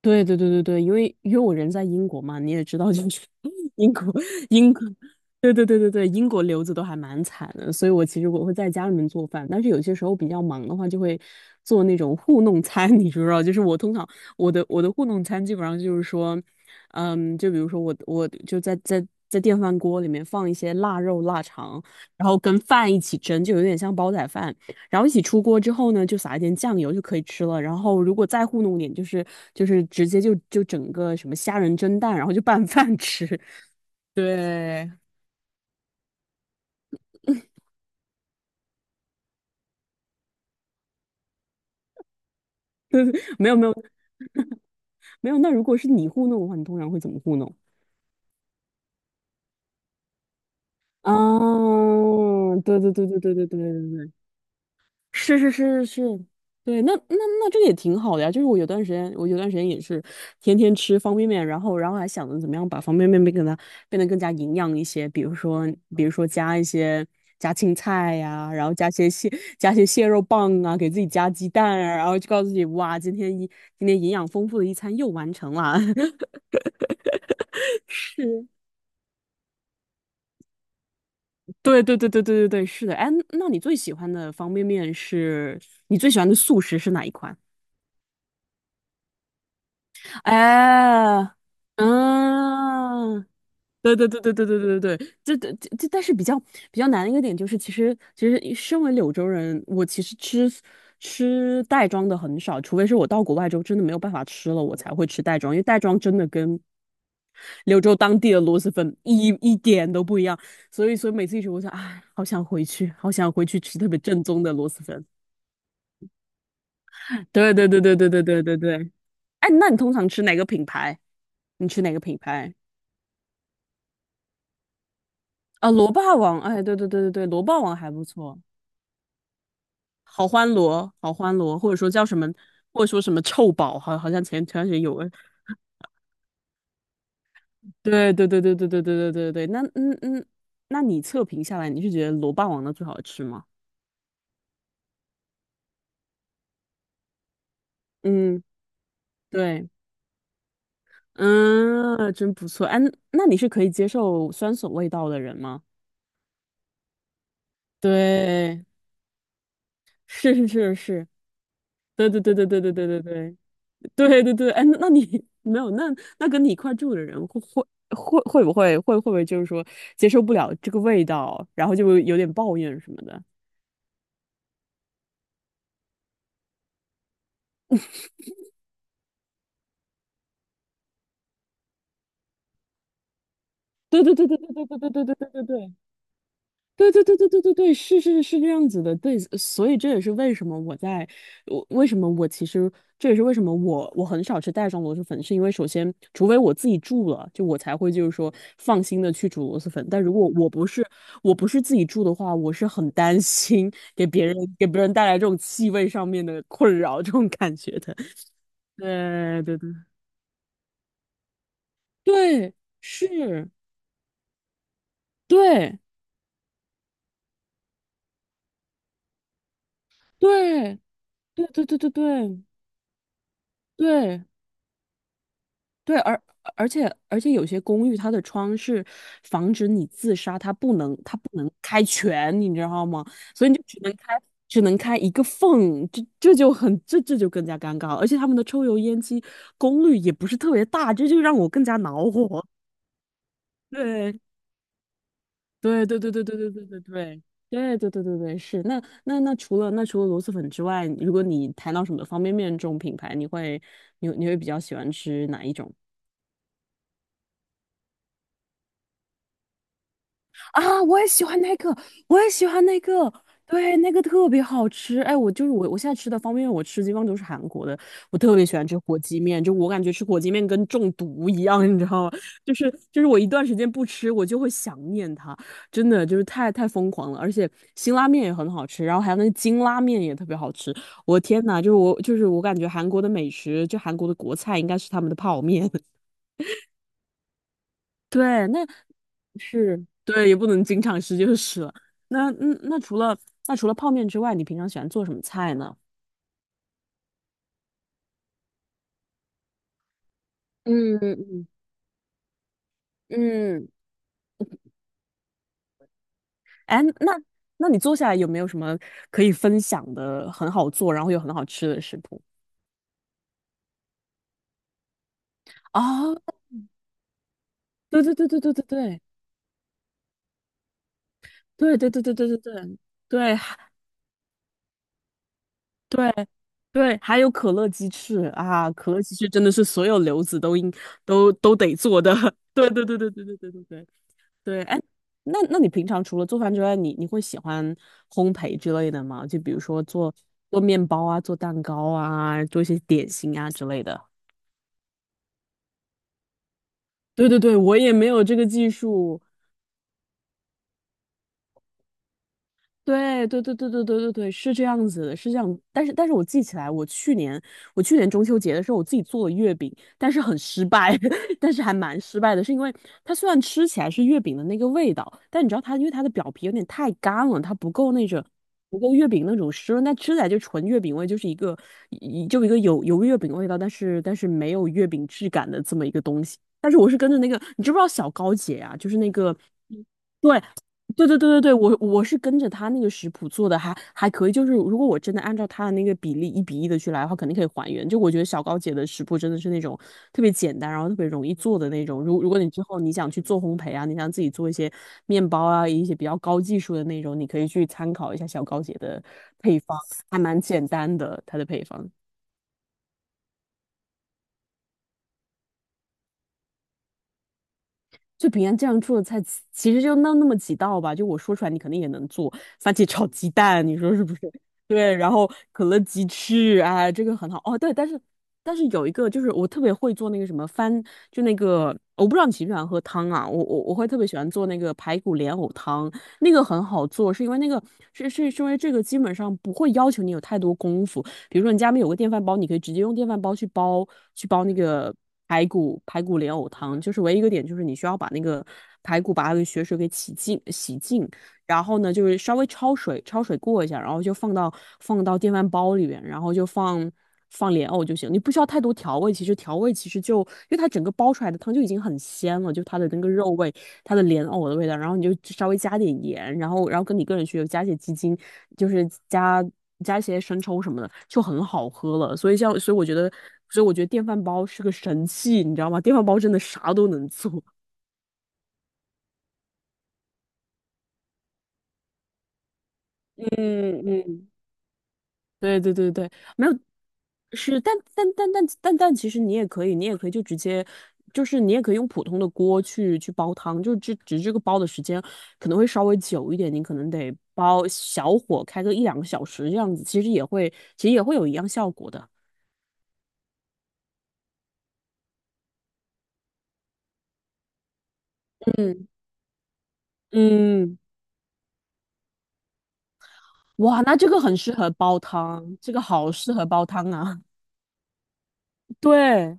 对对对对对，因为我人在英国嘛，你也知道，就是 英国英国，对对对对对，英国留子都还蛮惨的，所以我其实会在家里面做饭，但是有些时候比较忙的话，就会做那种糊弄餐，你知不知道？就是我通常我的糊弄餐基本上就是说，就比如说我就在电饭锅里面放一些腊肉、腊肠，然后跟饭一起蒸，就有点像煲仔饭。然后一起出锅之后呢，就撒一点酱油就可以吃了。然后如果再糊弄点，就是直接就整个什么虾仁蒸蛋，然后就拌 饭吃。对，没有没有没有，那如果是你糊弄的话，你通常会怎么糊弄？啊，对对对对对对对对对，是是是是是，对，那这个也挺好的呀。就是我有段时间也是天天吃方便面，然后还想着怎么样把方便面变给它变得更加营养一些，比如说加一些加青菜呀、然后加些蟹肉棒啊，给自己加鸡蛋啊，然后就告诉自己哇，今天营养丰富的一餐又完成了。是。对对对对对对对，是的。哎，那你最喜欢的方便面是你最喜欢的速食是哪一款？哎，嗯，对对对对对对对对对，这，但是比较难的一个点就是，其实身为柳州人，我其实吃袋装的很少，除非是我到国外之后真的没有办法吃了，我才会吃袋装，因为袋装真的跟柳州当地的螺蛳粉一点都不一样，所以每次一吃，我想，哎，好想回去，好想回去吃特别正宗的螺蛳粉。对对对对对对对对对，哎，那你通常吃哪个品牌？你吃哪个品牌？啊，螺霸王，哎，对对对对对，螺霸王还不错，好欢螺，好欢螺，或者说叫什么，或者说什么臭宝，好像前段时间有个，对对对对对对对对对对，那嗯嗯，那你测评下来，你是觉得螺霸王的最好吃吗？嗯，对，嗯，真不错，哎，那你是可以接受酸笋味道的人吗？对，是是是是，对对对对对对对对对 对对对，哎，那你没有那跟你一块住的人会会不会就是说接受不了这个味道，然后就有点抱怨什么的？对对对对对对对对对对对对对对对对对对对对，是是是这样子的，对，所以这也是为什么我在，我为什么我其实这也是为什么我很少吃袋装螺蛳粉，是因为首先，除非我自己住了，就我才会就是说放心的去煮螺蛳粉，但如果我不是自己住的话，我是很担心给别人带来这种气味上面的困扰这种感觉的。对对对对，是，对对对对对对对对。对，而且有些公寓它的窗是防止你自杀，它不能开全，你知道吗？所以你就只能开一个缝，这就更加尴尬了。而且他们的抽油烟机功率也不是特别大，这就让我更加恼火。对对对对对对对对对对。对对对对对，是那那除了螺蛳粉之外，如果你谈到什么方便面这种品牌，你会比较喜欢吃哪一种？啊，我也喜欢那个，我也喜欢那个，对，那个特别好吃。哎，我就是我，我现在吃的方便面，我吃的基本上都是韩国的。我特别喜欢吃火鸡面，就我感觉吃火鸡面跟中毒一样，你知道吗？就是我一段时间不吃，我就会想念它，真的就是太疯狂了。而且辛拉面也很好吃，然后还有那个金拉面也特别好吃。我天呐，就是我感觉韩国的美食，就韩国的国菜应该是他们的泡面。对，那是对，也不能经常吃就是了。那嗯，那除了泡面之外，你平常喜欢做什么菜呢？嗯嗯嗯，哎，那你做下来有没有什么可以分享的很好做，然后又很好吃的食谱？啊，对对对对对对对对对对对对对对对还对对，还有可乐鸡翅啊，可乐鸡翅真的是所有留子都应都都得做的。对对对对对对对对对。对，哎，那你平常除了做饭之外，你会喜欢烘焙之类的吗？就比如说做面包啊，做蛋糕啊，做一些点心啊之类的。对对对，我也没有这个技术，对对对对对对对对，是这样子的，是这样。但是我记起来，我去年中秋节的时候，我自己做了月饼，但是很失败，但是还蛮失败的，是因为它虽然吃起来是月饼的那个味道，但你知道它因为它的表皮有点太干了，它不够月饼那种湿润，但吃起来就纯月饼味，就是一个有月饼味道，但是没有月饼质感的这么一个东西。但是我是跟着那个，你知不知道小高姐啊？就是那个。对，对对对对对，我是跟着他那个食谱做的还可以。就是如果我真的按照他的那个比例一比一的去来的话，肯定可以还原。就我觉得小高姐的食谱真的是那种特别简单，然后特别容易做的那种。如果你之后你想去做烘焙啊，你想自己做一些面包啊，一些比较高技术的那种，你可以去参考一下小高姐的配方，还蛮简单的，她的配方。就平安这样做的菜，其实就那么几道吧。就我说出来，你肯定也能做。番茄炒鸡蛋，你说是不是？对，然后可乐鸡翅，哎，这个很好。哦，对，但是有一个就是我特别会做那个什么番，就那个我不知道你喜不喜欢喝汤啊。我会特别喜欢做那个排骨莲藕汤，那个很好做，是因为那个是因为这个基本上不会要求你有太多功夫。比如说你家里面有个电饭煲，你可以直接用电饭煲去煲那个排骨莲藕汤，就是唯一一个点就是你需要把那个排骨把它的血水给洗净，然后呢，就是稍微焯水过一下，然后就放到电饭煲里边，然后就放莲藕就行，你不需要太多调味。其实调味就因为它整个煲出来的汤就已经很鲜了，就它的那个肉味，它的莲藕的味道，然后你就稍微加点盐，然后跟你个人需求加些鸡精，就是加一些生抽什么的，就很好喝了。所以我觉得电饭煲是个神器，你知道吗？电饭煲真的啥都能做。嗯嗯。对对对对，没有，是，但，其实你也可以，你也可以就直接，就是你也可以用普通的锅去煲汤，就只这个煲的时间可能会稍微久一点，你可能得煲小火开个一两个小时这样子，其实也会有一样效果的。嗯，嗯，哇，那这个很适合煲汤，这个好适合煲汤啊。对，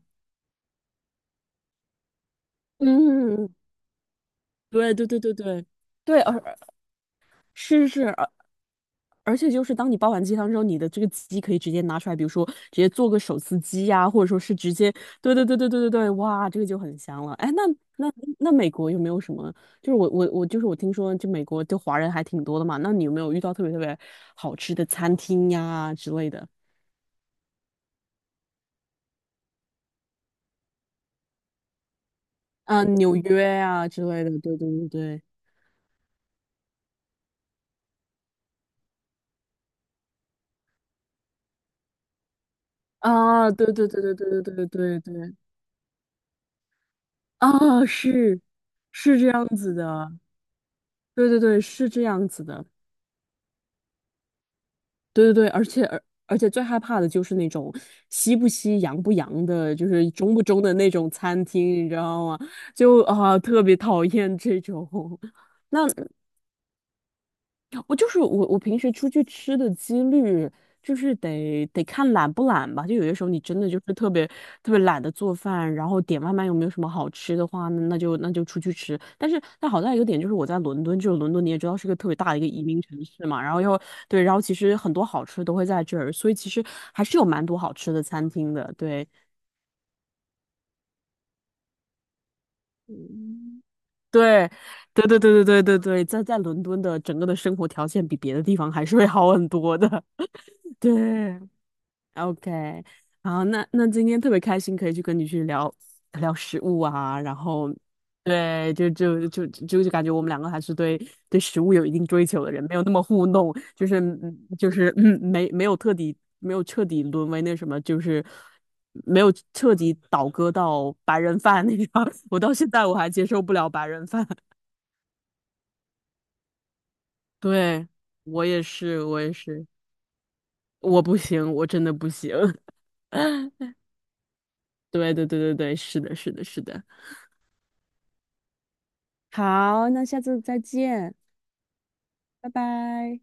嗯，对对对对对对，是是，而且就是当你煲完鸡汤之后，你的这个鸡可以直接拿出来，比如说直接做个手撕鸡呀、或者说是直接，对对对对对对对，哇，这个就很香了。哎，那那美国有没有什么？就是我听说，就美国就华人还挺多的嘛。那你有没有遇到特别好吃的餐厅呀之类的？啊，纽约呀之类的，对对对对，啊，对对对对对对对对对，啊，是是这样子的。对对对，是这样子的。对对对，而且最害怕的就是那种西不西洋不洋的，就是中不中的那种餐厅，你知道吗？就啊、特别讨厌这种。那我就是我，我平时出去吃的几率就是得看懒不懒吧。就有些时候你真的就是特别懒得做饭，然后点外卖又没有什么好吃的话，那就出去吃。但是但好在一个点就是我在伦敦，就是伦敦你也知道是个特别大的一个移民城市嘛，然后又对，然后其实很多好吃的都会在这儿，所以其实还是有蛮多好吃的餐厅的。对嗯对对对对对对对对，在伦敦的整个的生活条件比别的地方还是会好很多的。对。OK，然后那今天特别开心，可以去跟你去聊聊食物啊，然后，对，就感觉我们两个还是对食物有一定追求的人，没有那么糊弄，就是没有彻底沦为那什么，就是没有彻底倒戈到白人饭那种，我到现在我还接受不了白人饭，对，我也是，我不行，我真的不行，对对对对对，是的，是的，是的。好，那下次再见，拜拜。